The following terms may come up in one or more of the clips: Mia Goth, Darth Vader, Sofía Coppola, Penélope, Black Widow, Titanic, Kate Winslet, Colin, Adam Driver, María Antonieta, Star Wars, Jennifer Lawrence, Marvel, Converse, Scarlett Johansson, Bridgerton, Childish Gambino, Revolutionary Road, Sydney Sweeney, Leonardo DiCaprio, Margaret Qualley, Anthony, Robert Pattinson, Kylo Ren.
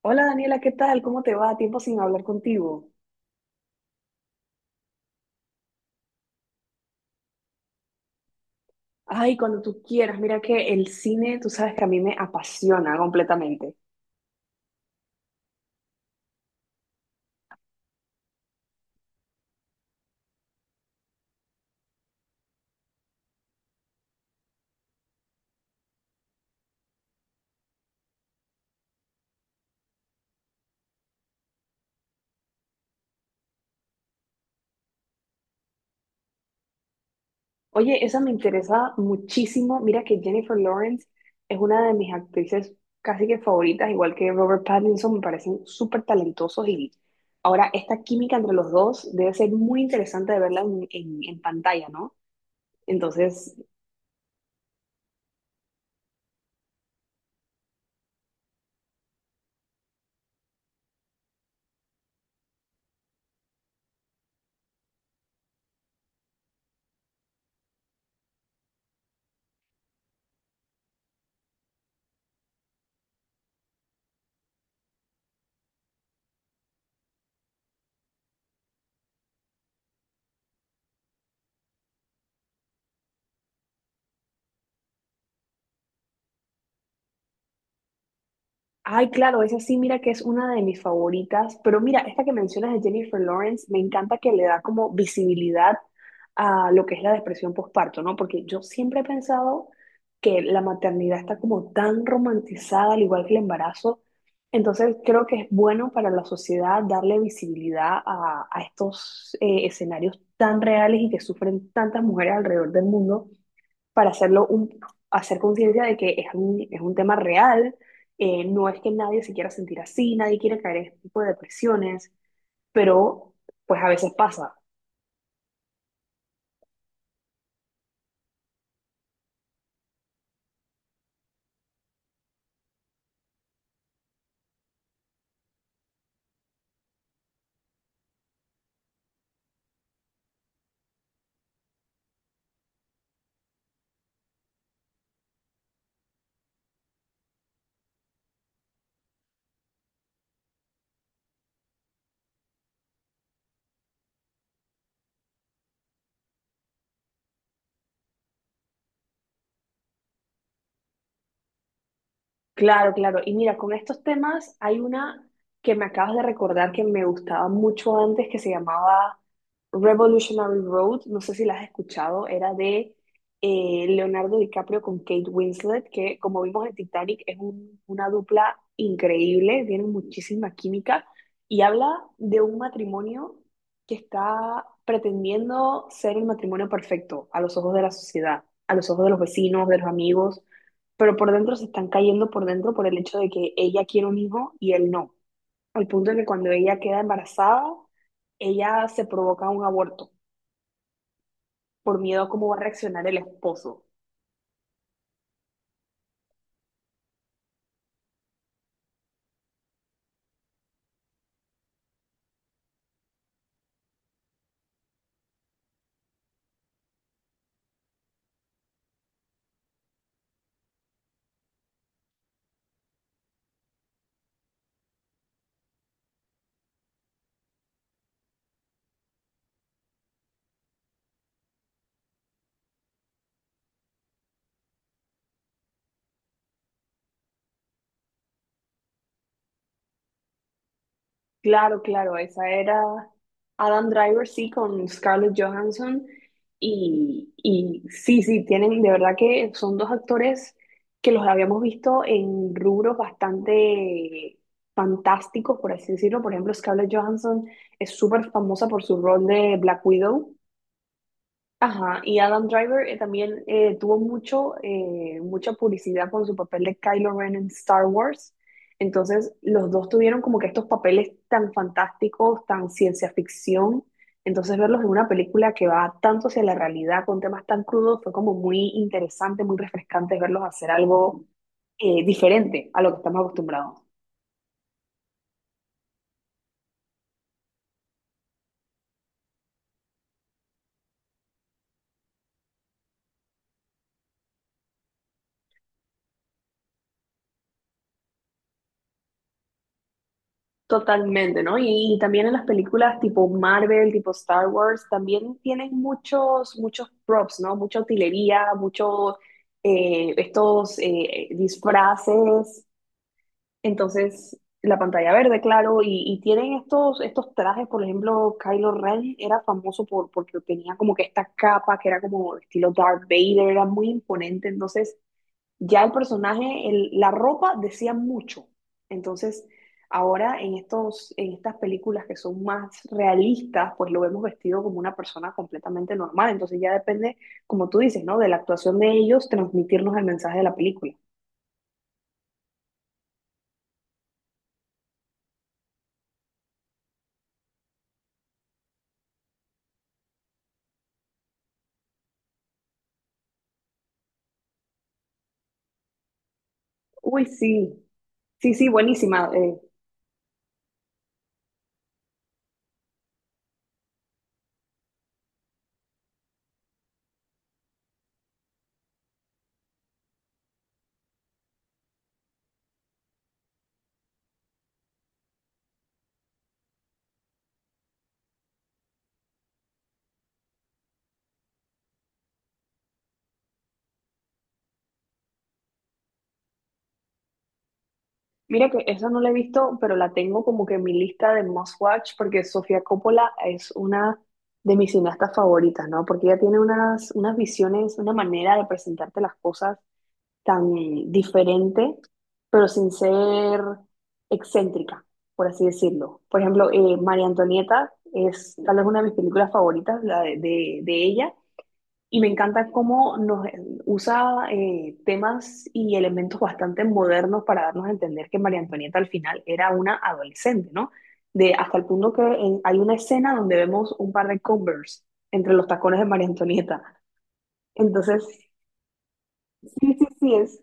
Hola Daniela, ¿qué tal? ¿Cómo te va? Tiempo sin hablar contigo. Ay, cuando tú quieras, mira que el cine, tú sabes que a mí me apasiona completamente. Oye, esa me interesa muchísimo. Mira que Jennifer Lawrence es una de mis actrices casi que favoritas, igual que Robert Pattinson, me parecen súper talentosos y ahora esta química entre los dos debe ser muy interesante de verla en, en pantalla, ¿no? Entonces, ay, claro, esa sí, mira que es una de mis favoritas, pero mira, esta que mencionas de Jennifer Lawrence, me encanta que le da como visibilidad a lo que es la depresión postparto, ¿no? Porque yo siempre he pensado que la maternidad está como tan romantizada, al igual que el embarazo, entonces creo que es bueno para la sociedad darle visibilidad a estos escenarios tan reales y que sufren tantas mujeres alrededor del mundo para hacerlo un, hacer conciencia de que es un tema real, no es que nadie se quiera sentir así, nadie quiere caer en este tipo de depresiones, pero pues a veces pasa. Claro, claro. Y mira, con estos temas hay una que me acabas de recordar que me gustaba mucho antes, que se llamaba Revolutionary Road. No sé si la has escuchado. Era de Leonardo DiCaprio con Kate Winslet, que como vimos en Titanic es una dupla increíble, tienen muchísima química y habla de un matrimonio que está pretendiendo ser el matrimonio perfecto a los ojos de la sociedad, a los ojos de los vecinos, de los amigos, pero por dentro se están cayendo por dentro por el hecho de que ella quiere un hijo y él no. Al punto de que cuando ella queda embarazada, ella se provoca un aborto por miedo a cómo va a reaccionar el esposo. Claro, claro, esa era Adam Driver, sí, con Scarlett Johansson. Y sí, sí, tienen, de verdad que son dos actores que los habíamos visto en rubros bastante fantásticos, por así decirlo. Por ejemplo, Scarlett Johansson es súper famosa por su rol de Black Widow. Ajá, y Adam Driver también tuvo mucho, mucha publicidad por su papel de Kylo Ren en Star Wars. Entonces, los dos tuvieron como que estos papeles tan fantásticos, tan ciencia ficción. Entonces, verlos en una película que va tanto hacia la realidad, con temas tan crudos, fue como muy interesante, muy refrescante verlos hacer algo diferente a lo que estamos acostumbrados. Totalmente, ¿no? Y también en las películas tipo Marvel, tipo Star Wars, también tienen muchos props, ¿no? Mucha utilería, muchos estos disfraces. Entonces, la pantalla verde, claro, y tienen estos trajes, por ejemplo, Kylo Ren era famoso por, porque tenía como que esta capa que era como estilo Darth Vader, era muy imponente. Entonces, ya el personaje, la ropa decía mucho. Entonces, ahora en estos, en estas películas que son más realistas, pues lo vemos vestido como una persona completamente normal. Entonces ya depende, como tú dices, ¿no? De la actuación de ellos, transmitirnos el mensaje de la película. Uy, sí, sí, sí, buenísima. Mira que esa no la he visto, pero la tengo como que en mi lista de must watch, porque Sofía Coppola es una de mis cineastas favoritas, ¿no? Porque ella tiene unas, unas visiones, una manera de presentarte las cosas tan diferente, pero sin ser excéntrica, por así decirlo. Por ejemplo, María Antonieta es tal vez una de mis películas favoritas, la de, de ella, y me encanta cómo nos usa temas y elementos bastante modernos para darnos a entender que María Antonieta al final era una adolescente, ¿no? De, hasta el punto que hay una escena donde vemos un par de Converse entre los tacones de María Antonieta. Entonces, sí, sí, sí, es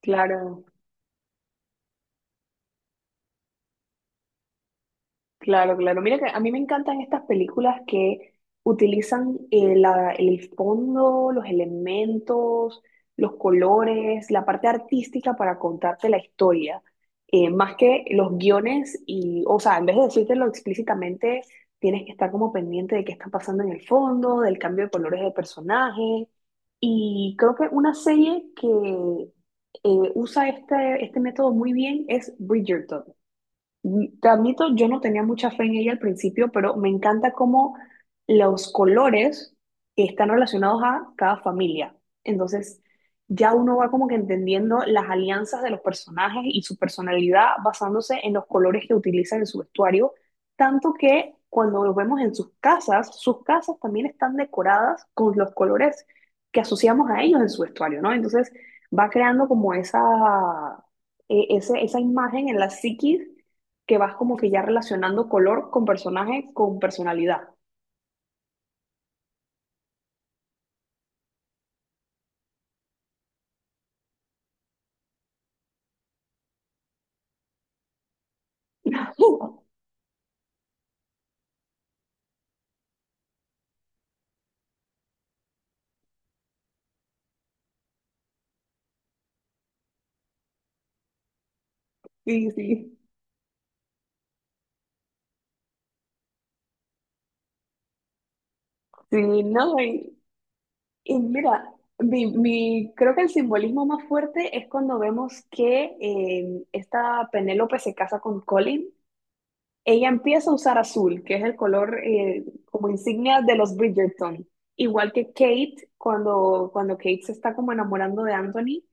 claro. Claro, claro. Mira que a mí me encantan estas películas que utilizan el fondo, los elementos, los colores, la parte artística para contarte la historia. Más que los guiones y, o sea, en vez de decírtelo explícitamente, tienes que estar como pendiente de qué está pasando en el fondo, del cambio de colores de personaje. Y creo que una serie que usa este método muy bien es Bridgerton. Mm, te admito, yo no tenía mucha fe en ella al principio, pero me encanta cómo los colores están relacionados a cada familia. Entonces, ya uno va como que entendiendo las alianzas de los personajes y su personalidad basándose en los colores que utilizan en su vestuario, tanto que cuando los vemos en sus casas también están decoradas con los colores que asociamos a ellos en su vestuario, ¿no? Entonces, va creando como esa, esa imagen en la psiquis que vas como que ya relacionando color con personaje, con personalidad. Sí, sí, sí, no, y mira, creo que el simbolismo más fuerte es cuando vemos que esta Penélope se casa con Colin. Ella empieza a usar azul, que es el color como insignia de los Bridgerton. Igual que Kate, cuando Kate se está como enamorando de Anthony,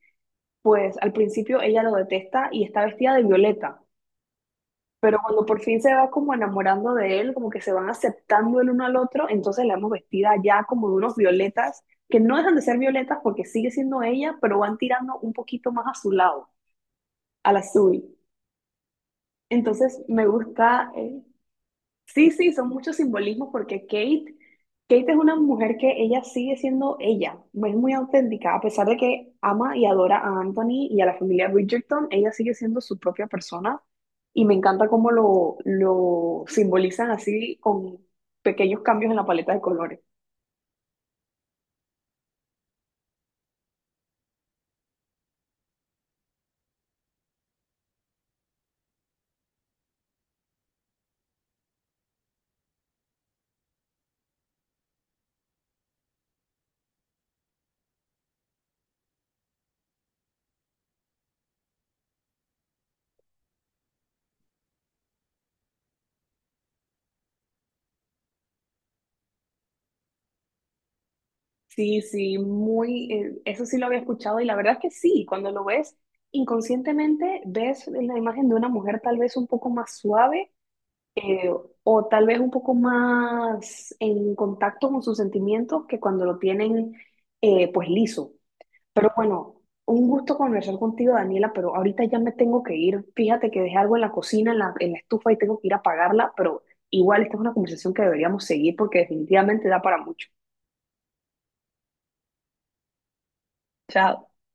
pues al principio ella lo detesta y está vestida de violeta. Pero cuando por fin se va como enamorando de él, como que se van aceptando el uno al otro, entonces la vemos vestida ya como de unos violetas, que no dejan de ser violetas porque sigue siendo ella, pero van tirando un poquito más a su lado, al azul. Entonces me gusta, sí, sí, son muchos simbolismos porque Kate es una mujer que ella sigue siendo ella, no es muy auténtica, a pesar de que ama y adora a Anthony y a la familia Bridgerton, ella sigue siendo su propia persona y me encanta cómo lo simbolizan así con pequeños cambios en la paleta de colores. Sí, sí, muy, eso sí lo había escuchado y la verdad es que sí, cuando lo ves inconscientemente ves la imagen de una mujer tal vez un poco más suave eh, o tal vez un poco más en contacto con sus sentimientos que cuando lo tienen pues liso. Pero bueno, un gusto conversar contigo, Daniela, pero ahorita ya me tengo que ir. Fíjate que dejé algo en la cocina, en en la estufa y tengo que ir a apagarla, pero igual esta es una conversación que deberíamos seguir porque definitivamente da para mucho. Chao.